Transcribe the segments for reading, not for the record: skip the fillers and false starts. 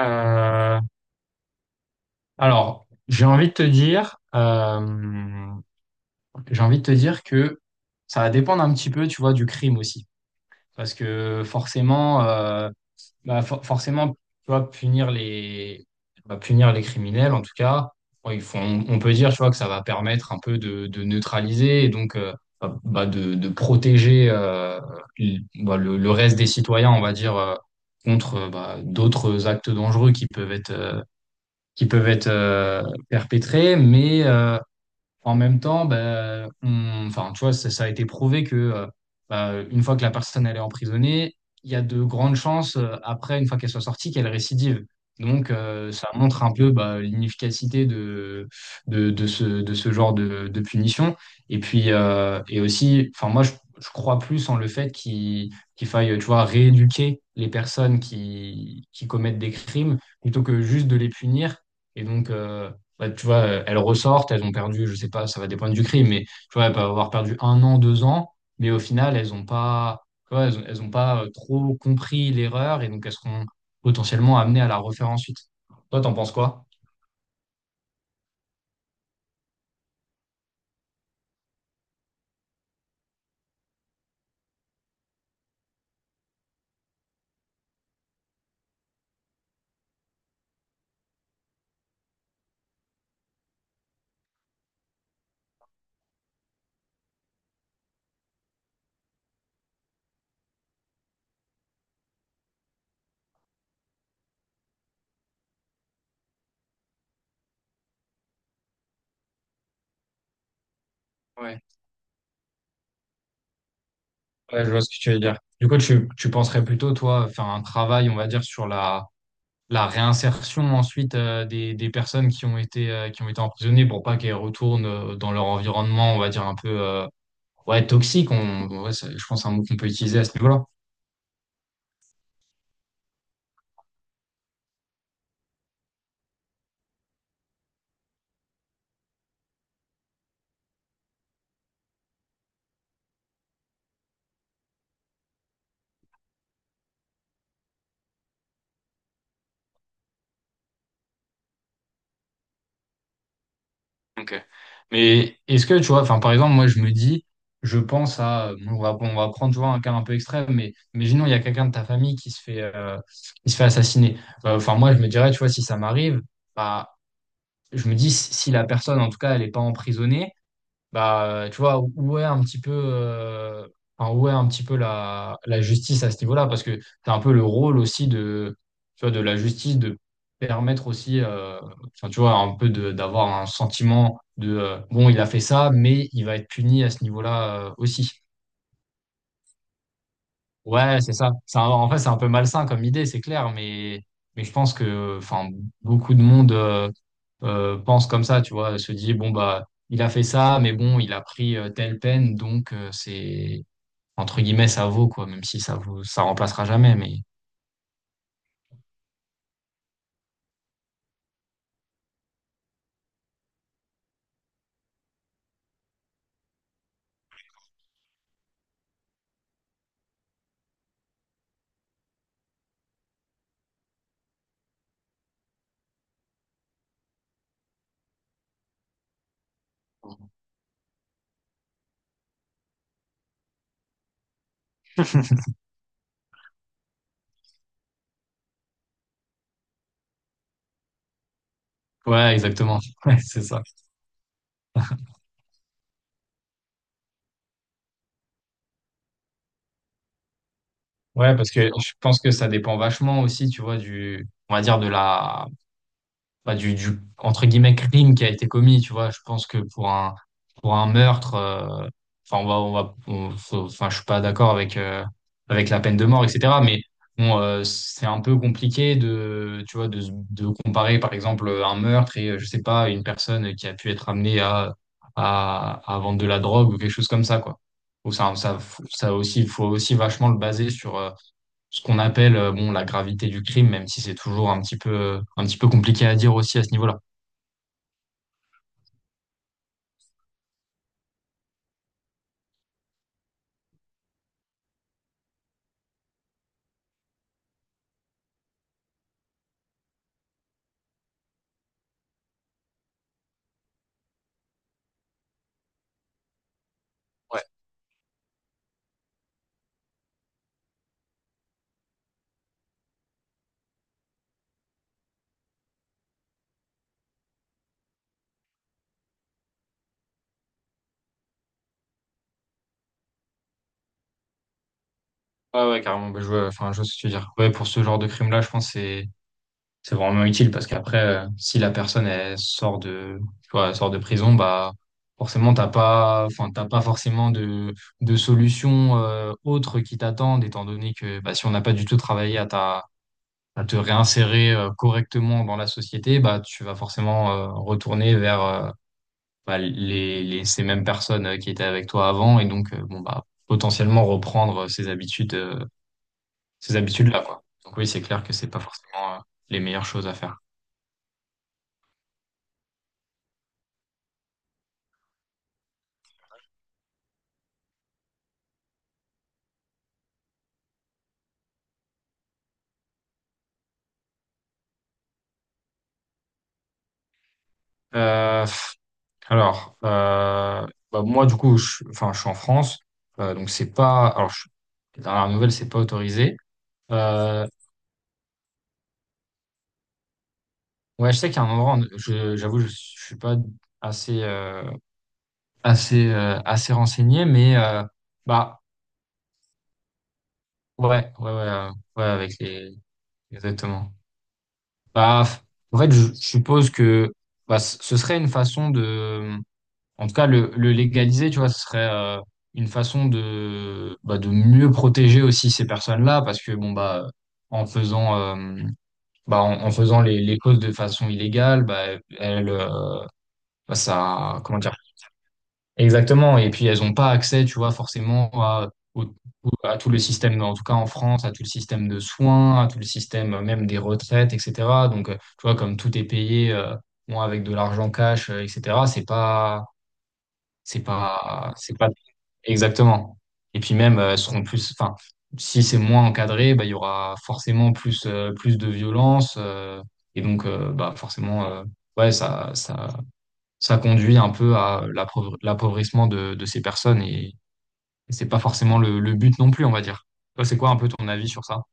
Euh, alors, j'ai envie de te dire que ça va dépendre un petit peu, tu vois, du crime aussi, parce que forcément, bah, forcément, tu vois, punir les criminels, en tout cas, bon, on peut dire, tu vois, que ça va permettre un peu de neutraliser et donc bah, de protéger le reste des citoyens, on va dire, contre d'autres actes dangereux qui peuvent être qui peuvent être euh, perpétrées, mais en même temps, ben, enfin, tu vois, ça a été prouvé que une fois que la personne elle est emprisonnée, il y a de grandes chances après, une fois qu'elle soit sortie, qu'elle récidive. Donc, ça montre un peu bah, l'inefficacité de ce genre de punition. Et puis, et aussi, enfin, moi, je crois plus en le fait qu'il faille, tu vois, rééduquer les personnes qui commettent des crimes plutôt que juste de les punir. Et donc, ouais, tu vois, elles ressortent, elles ont perdu, je sais pas, ça va dépendre du crime, mais tu vois, elles peuvent avoir perdu un an, deux ans, mais au final, elles ont pas, tu vois, elles ont pas trop compris l'erreur et donc elles seront potentiellement amenées à la refaire ensuite. Toi, t'en penses quoi? Ouais. Ouais, je vois ce que tu veux dire. Du coup, tu penserais plutôt, toi, faire un travail, on va dire, sur la réinsertion ensuite des personnes qui ont été emprisonnées pour pas qu'elles retournent dans leur environnement, on va dire, un peu ouais, toxique. Ouais, je pense que c'est un mot qu'on peut utiliser à ce niveau-là. Ok. Mais est-ce que tu vois, enfin par exemple, moi je me dis, je pense à, on va prendre tu vois, un cas un peu extrême, mais imaginons il y a quelqu'un de ta famille qui se fait assassiner. Enfin moi je me dirais, tu vois, si ça m'arrive, bah, je me dis si la personne en tout cas elle n'est pas emprisonnée, bah, tu vois, où est un petit peu, enfin, où est un petit peu la justice à ce niveau-là? Parce que c'est un peu le rôle aussi de, tu vois, de la justice de permettre aussi, enfin, tu vois, un peu de, d'avoir un sentiment de, bon, il a fait ça, mais il va être puni à ce niveau-là, aussi. Ouais, c'est ça. En fait, c'est un peu malsain comme idée, c'est clair, mais je pense que enfin, beaucoup de monde pense comme ça, tu vois, se dit, bon, bah, il a fait ça, mais bon, il a pris telle peine, donc c'est, entre guillemets, ça vaut, quoi, même si ça vaut, ça remplacera jamais, mais. Ouais, exactement. Ouais, c'est ça. Ouais, parce que je pense que ça dépend vachement aussi, tu vois, du, on va dire, de la bah, du entre guillemets crime qui a été commis, tu vois. Je pense que pour un meurtre, enfin on va on va on- faut- enfin je suis pas d'accord avec avec la peine de mort, etc. Mais bon, c'est un peu compliqué de tu vois de comparer par exemple un meurtre et je sais pas une personne qui a pu être amenée à vendre de la drogue ou quelque chose comme ça quoi. Ou ça aussi faut aussi vachement le baser sur ce qu'on appelle bon, la gravité du crime, même si c'est toujours un petit peu compliqué à dire aussi à ce niveau-là. Ah ouais, carrément. Bah, je vois, enfin, je vois ce que tu veux dire. Ouais, pour ce genre de crime-là, je pense que c'est vraiment utile parce qu'après, si la personne elle sort de, tu vois, elle sort de prison, bah forcément t'as pas, enfin t'as pas forcément de solution autre qui t'attendent, étant donné que bah, si on n'a pas du tout travaillé à te réinsérer correctement dans la société, bah tu vas forcément retourner vers bah, ces mêmes personnes qui étaient avec toi avant et donc bon bah potentiellement reprendre ces habitudes là quoi. Donc oui, c'est clair que c'est pas forcément les meilleures choses à faire. Euh, pff, alors bah, moi du coup enfin je suis en France donc c'est pas alors les dernières nouvelles c'est pas autorisé. Euh, ouais, je sais qu'il y a un endroit je j'avoue je suis pas assez euh, assez renseigné mais bah, ouais, ouais, ouais, ouais, avec les, exactement. Bah, en fait, je suppose que bah, ce serait une façon de, en tout cas, le légaliser, tu vois, ce serait une façon de, bah, de mieux protéger aussi ces personnes-là, parce que bon, bah, en faisant, bah, en faisant les causes de façon illégale, bah, elles, euh, bah, ça, comment dire. Exactement. Et puis, elles n'ont pas accès, tu vois, forcément à, au- à tout le système, en tout cas en France, à tout le système de soins, à tout le système même des retraites, etc. Donc, tu vois, comme tout est payé, bon, avec de l'argent cash, etc., c'est pas, exactement. Et puis même, elles seront plus, enfin, si c'est moins encadré, bah, il y aura forcément plus, plus de violence. Et donc, bah, forcément, ouais, ça conduit un peu à l'appauvrissement de ces personnes et, c'est pas forcément le but non plus, on va dire. Toi, c'est quoi un peu ton avis sur ça?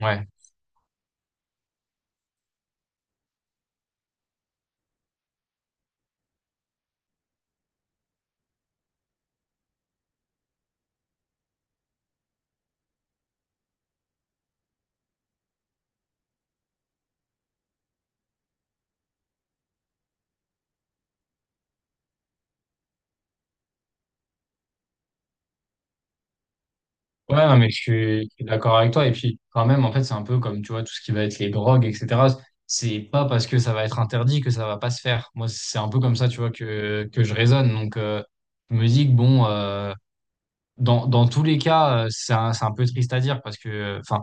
Ouais. Ouais, non, mais je suis d'accord avec toi. Et puis, quand même, en fait, c'est un peu comme, tu vois, tout ce qui va être les drogues, etc. C'est pas parce que ça va être interdit que ça va pas se faire. Moi, c'est un peu comme ça, tu vois, que je raisonne. Donc, je me dis que, bon, dans tous les cas, c'est un peu triste à dire parce que, enfin,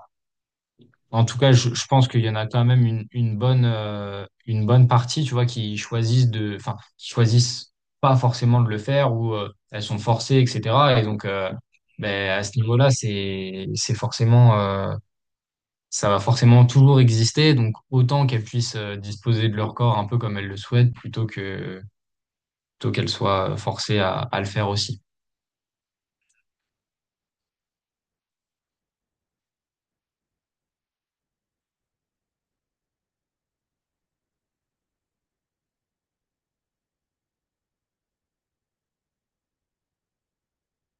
en tout cas, je pense qu'il y en a quand même une bonne partie, tu vois, qui choisissent de, enfin, qui choisissent pas forcément de le faire ou elles sont forcées, etc. Et donc, ben, à ce niveau-là, c'est forcément, ça va forcément toujours exister. Donc, autant qu'elles puissent disposer de leur corps un peu comme elles le souhaitent, plutôt que, plutôt qu'elles soient forcées à le faire aussi.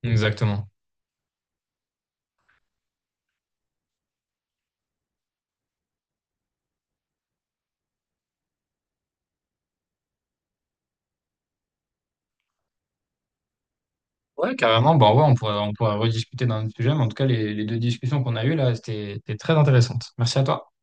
Exactement. Ouais, carrément. Bon, ouais, on pourra rediscuter d'un autre sujet, mais en tout cas, les deux discussions qu'on a eues là, c'était très intéressante. Merci à toi.